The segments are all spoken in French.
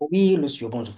Oui, le sûr, bonjour.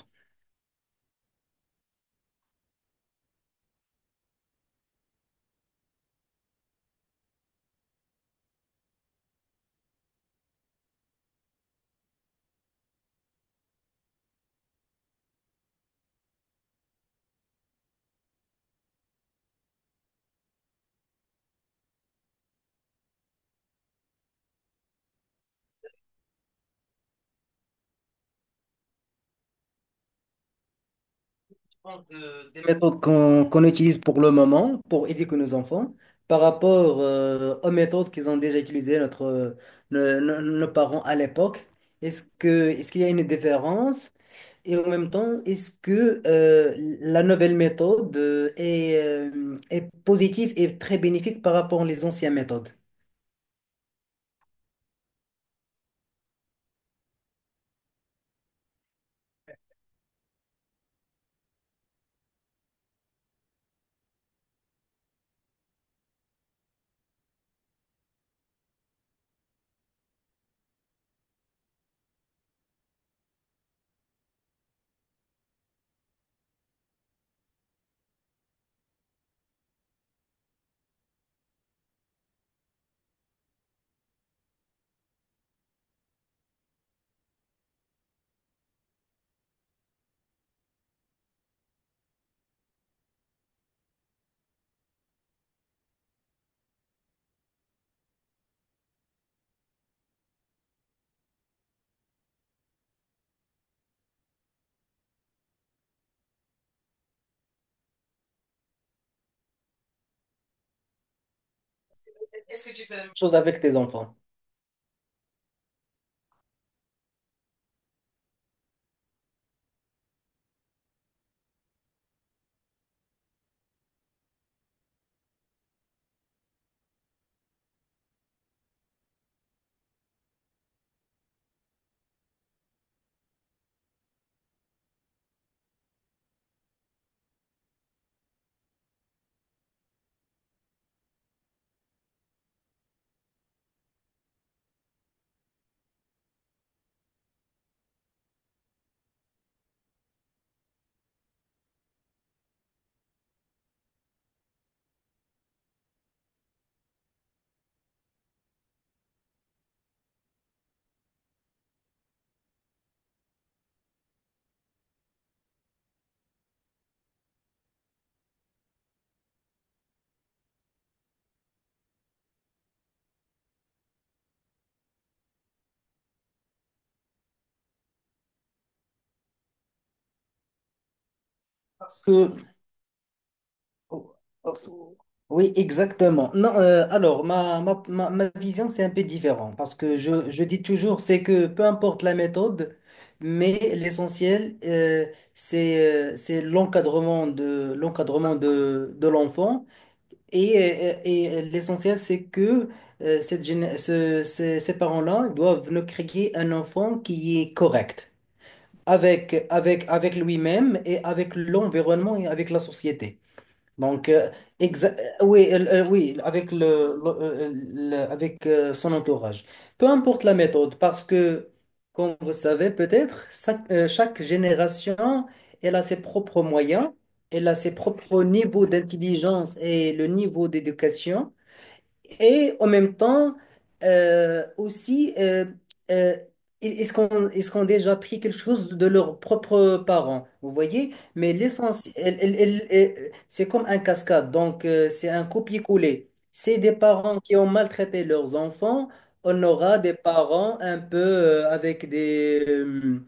Des méthodes qu'on utilise pour le moment pour éduquer nos enfants par rapport aux méthodes qu'ils ont déjà utilisées nos parents à l'époque. Est-ce qu'il y a une différence? Et en même temps, est-ce que la nouvelle méthode est, est positive et très bénéfique par rapport aux anciennes méthodes? Est-ce que tu fais la même chose avec tes enfants? Parce que oh, oh, oh. Oui, exactement. Non, alors, ma vision, c'est un peu différent parce que je dis toujours, c'est que peu importe la méthode, mais l'essentiel, c'est l'encadrement de l'enfant et, et l'essentiel, c'est que cette, géné- ce- ces, ces parents-là doivent nous créer un enfant qui est correct avec, avec, avec lui-même et avec l'environnement et avec la société. Donc, exa- oui, oui, avec son entourage. Peu importe la méthode, parce que, comme vous savez peut-être, chaque génération, elle a ses propres moyens, elle a ses propres niveaux d'intelligence et le niveau d'éducation. Et en même temps, euh, aussi, euh, euh, est-ce qu'on a déjà appris quelque chose de leurs propres parents, vous voyez? Mais l'essentiel, c'est comme un cascade, donc c'est un copier-coller. C'est des parents qui ont maltraité leurs enfants, on aura des parents un peu euh, avec des, euh,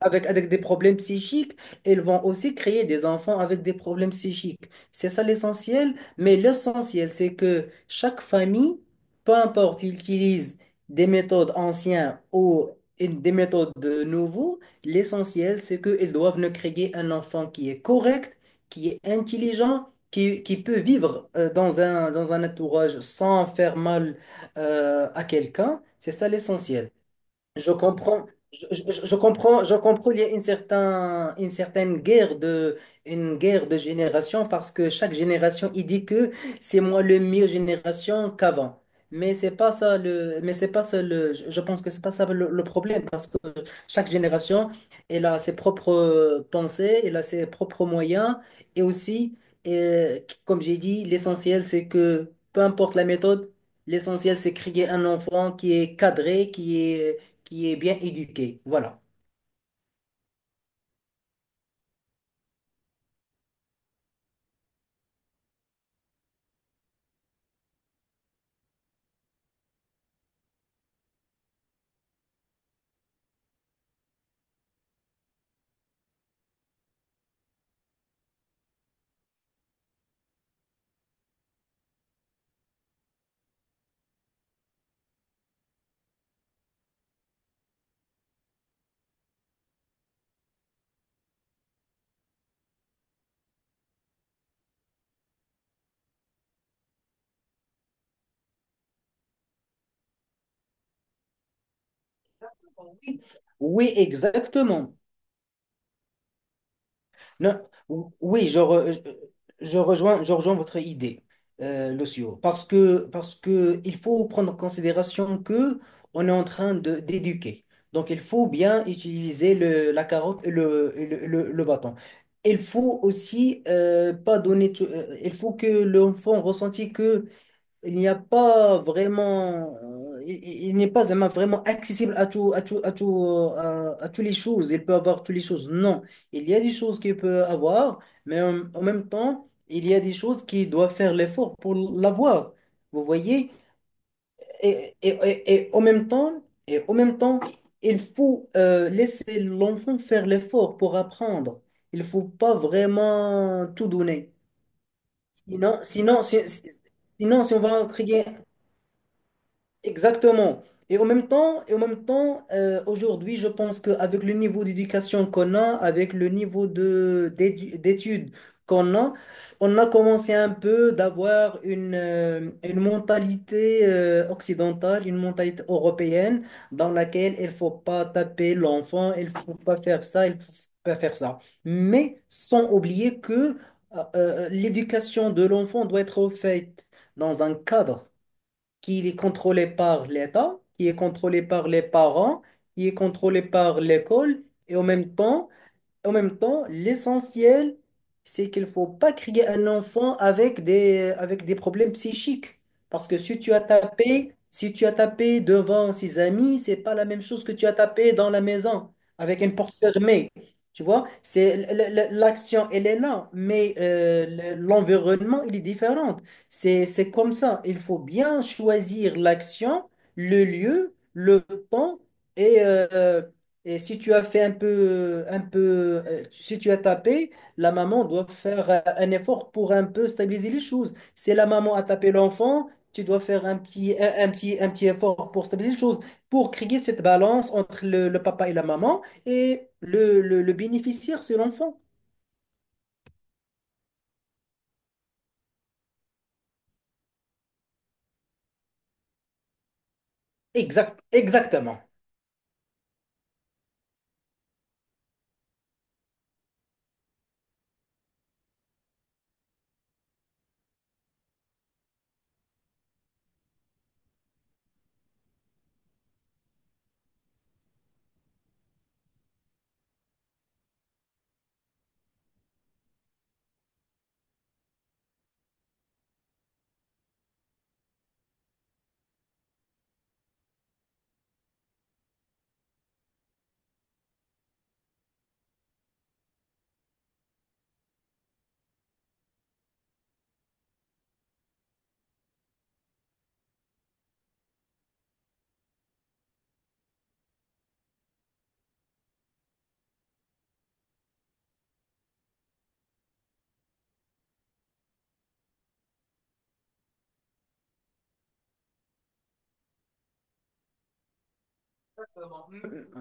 avec, avec des problèmes psychiques, elles vont aussi créer des enfants avec des problèmes psychiques. C'est ça l'essentiel, mais l'essentiel, c'est que chaque famille, peu importe, ils utilisent des méthodes anciennes ou des méthodes de nouveau, l'essentiel, c'est qu'ils doivent ne créer un enfant qui est correct, qui est intelligent, qui peut vivre dans un entourage sans faire mal à quelqu'un. C'est ça l'essentiel. Je comprends, je comprends, je comprends, il y a une certaine guerre de, une guerre de génération parce que chaque génération, il dit que c'est moi le mieux génération qu'avant. Mais c'est pas ça le, mais c'est pas ça le, je pense que c'est pas ça le problème parce que chaque génération, elle a ses propres pensées, elle a ses propres moyens et aussi, euh, comme j'ai dit, l'essentiel c'est que peu importe la méthode, l'essentiel c'est créer un enfant qui est cadré, qui est bien éduqué. Voilà. Oui, exactement. Non, oui, je rejoins votre idée, Lucio, parce que il faut prendre en considération que on est en train de d'éduquer. Donc, il faut bien utiliser le, la carotte et le bâton. Il faut aussi pas donner il faut que l'enfant ressente que il n'y a pas vraiment, il n'est pas vraiment vraiment accessible à tout, à tout, à tout, à toutes les choses. Il peut avoir toutes les choses. Non, il y a des choses qu'il peut avoir, mais en même temps, il y a des choses qui doivent faire l'effort pour l'avoir. Vous voyez? Et en même temps, et en même temps, il faut laisser l'enfant faire l'effort pour apprendre. Il faut pas vraiment tout donner. Sinon, sinon, si on va créer exactement. Et en même temps, et en même temps, aujourd'hui, je pense qu'avec le niveau d'éducation qu'on a, avec le niveau de d'études qu'on a, on a commencé un peu d'avoir une mentalité occidentale, une mentalité européenne, dans laquelle il faut pas taper l'enfant, il faut pas faire ça, il faut pas faire ça. Mais sans oublier que l'éducation de l'enfant doit être faite dans un cadre qui est contrôlé par l'État, qui est contrôlé par les parents, qui est contrôlé par l'école, et en même temps, l'essentiel, c'est qu'il faut pas créer un enfant avec des problèmes psychiques. Parce que si tu as tapé, si tu as tapé devant ses amis, c'est pas la même chose que tu as tapé dans la maison avec une porte fermée. Tu vois, c'est l'action, elle est là, mais l'environnement, il est différent. C'est comme ça. Il faut bien choisir l'action, le lieu, le temps et euh, et si tu as fait un peu, si tu as tapé, la maman doit faire un effort pour un peu stabiliser les choses. Si la maman a tapé l'enfant, tu dois faire un petit, un petit, un petit effort pour stabiliser les choses, pour créer cette balance entre le papa et la maman et le bénéficiaire, c'est l'enfant. Exact, exactement.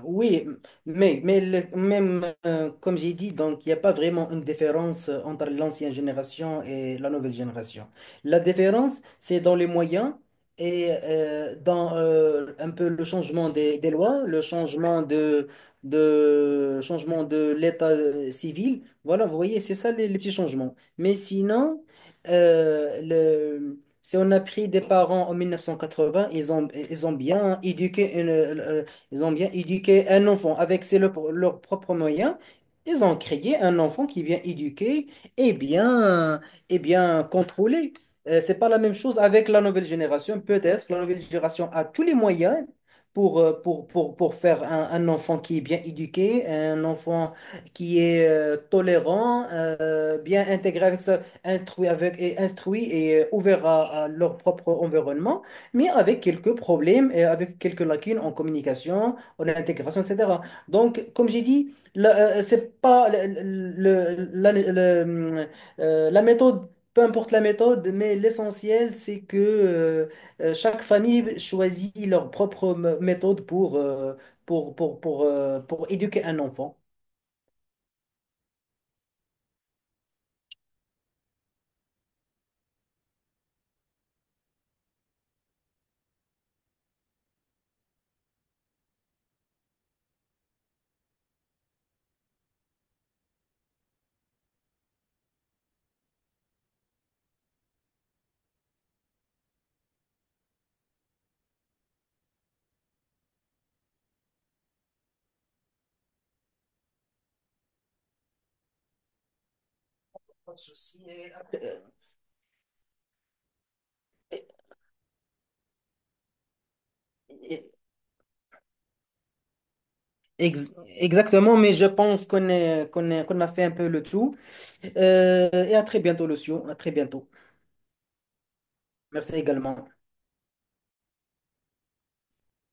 Oui, mais même comme j'ai dit, donc il n'y a pas vraiment une différence entre l'ancienne génération et la nouvelle génération. La différence, c'est dans les moyens et dans un peu le changement des lois, le changement de changement de l'état civil. Voilà, vous voyez, c'est ça les petits changements. Mais sinon, le, si on a pris des parents en 1980, ils ont bien éduqué une, ils ont bien éduqué un enfant avec ses, leurs leurs propres moyens. Ils ont créé un enfant qui est bien éduqué et bien, et bien contrôlé. C'est pas la même chose avec la nouvelle génération. Peut-être la nouvelle génération a tous les moyens pour, pour faire un enfant qui est bien éduqué, un enfant qui est tolérant, bien intégré avec ça, instruit avec et instruit et ouvert à leur propre environnement mais avec quelques problèmes et avec quelques lacunes en communication, en intégration, etc. Donc, comme j'ai dit, c'est pas la méthode, peu importe la méthode, mais l'essentiel, c'est que chaque famille choisit leur propre méthode pour, pour éduquer un enfant. Pas de souci. Et après, ex- exactement, mais je pense qu'on a fait un peu le tout. Et à très bientôt, Lucio. À très bientôt. Merci également.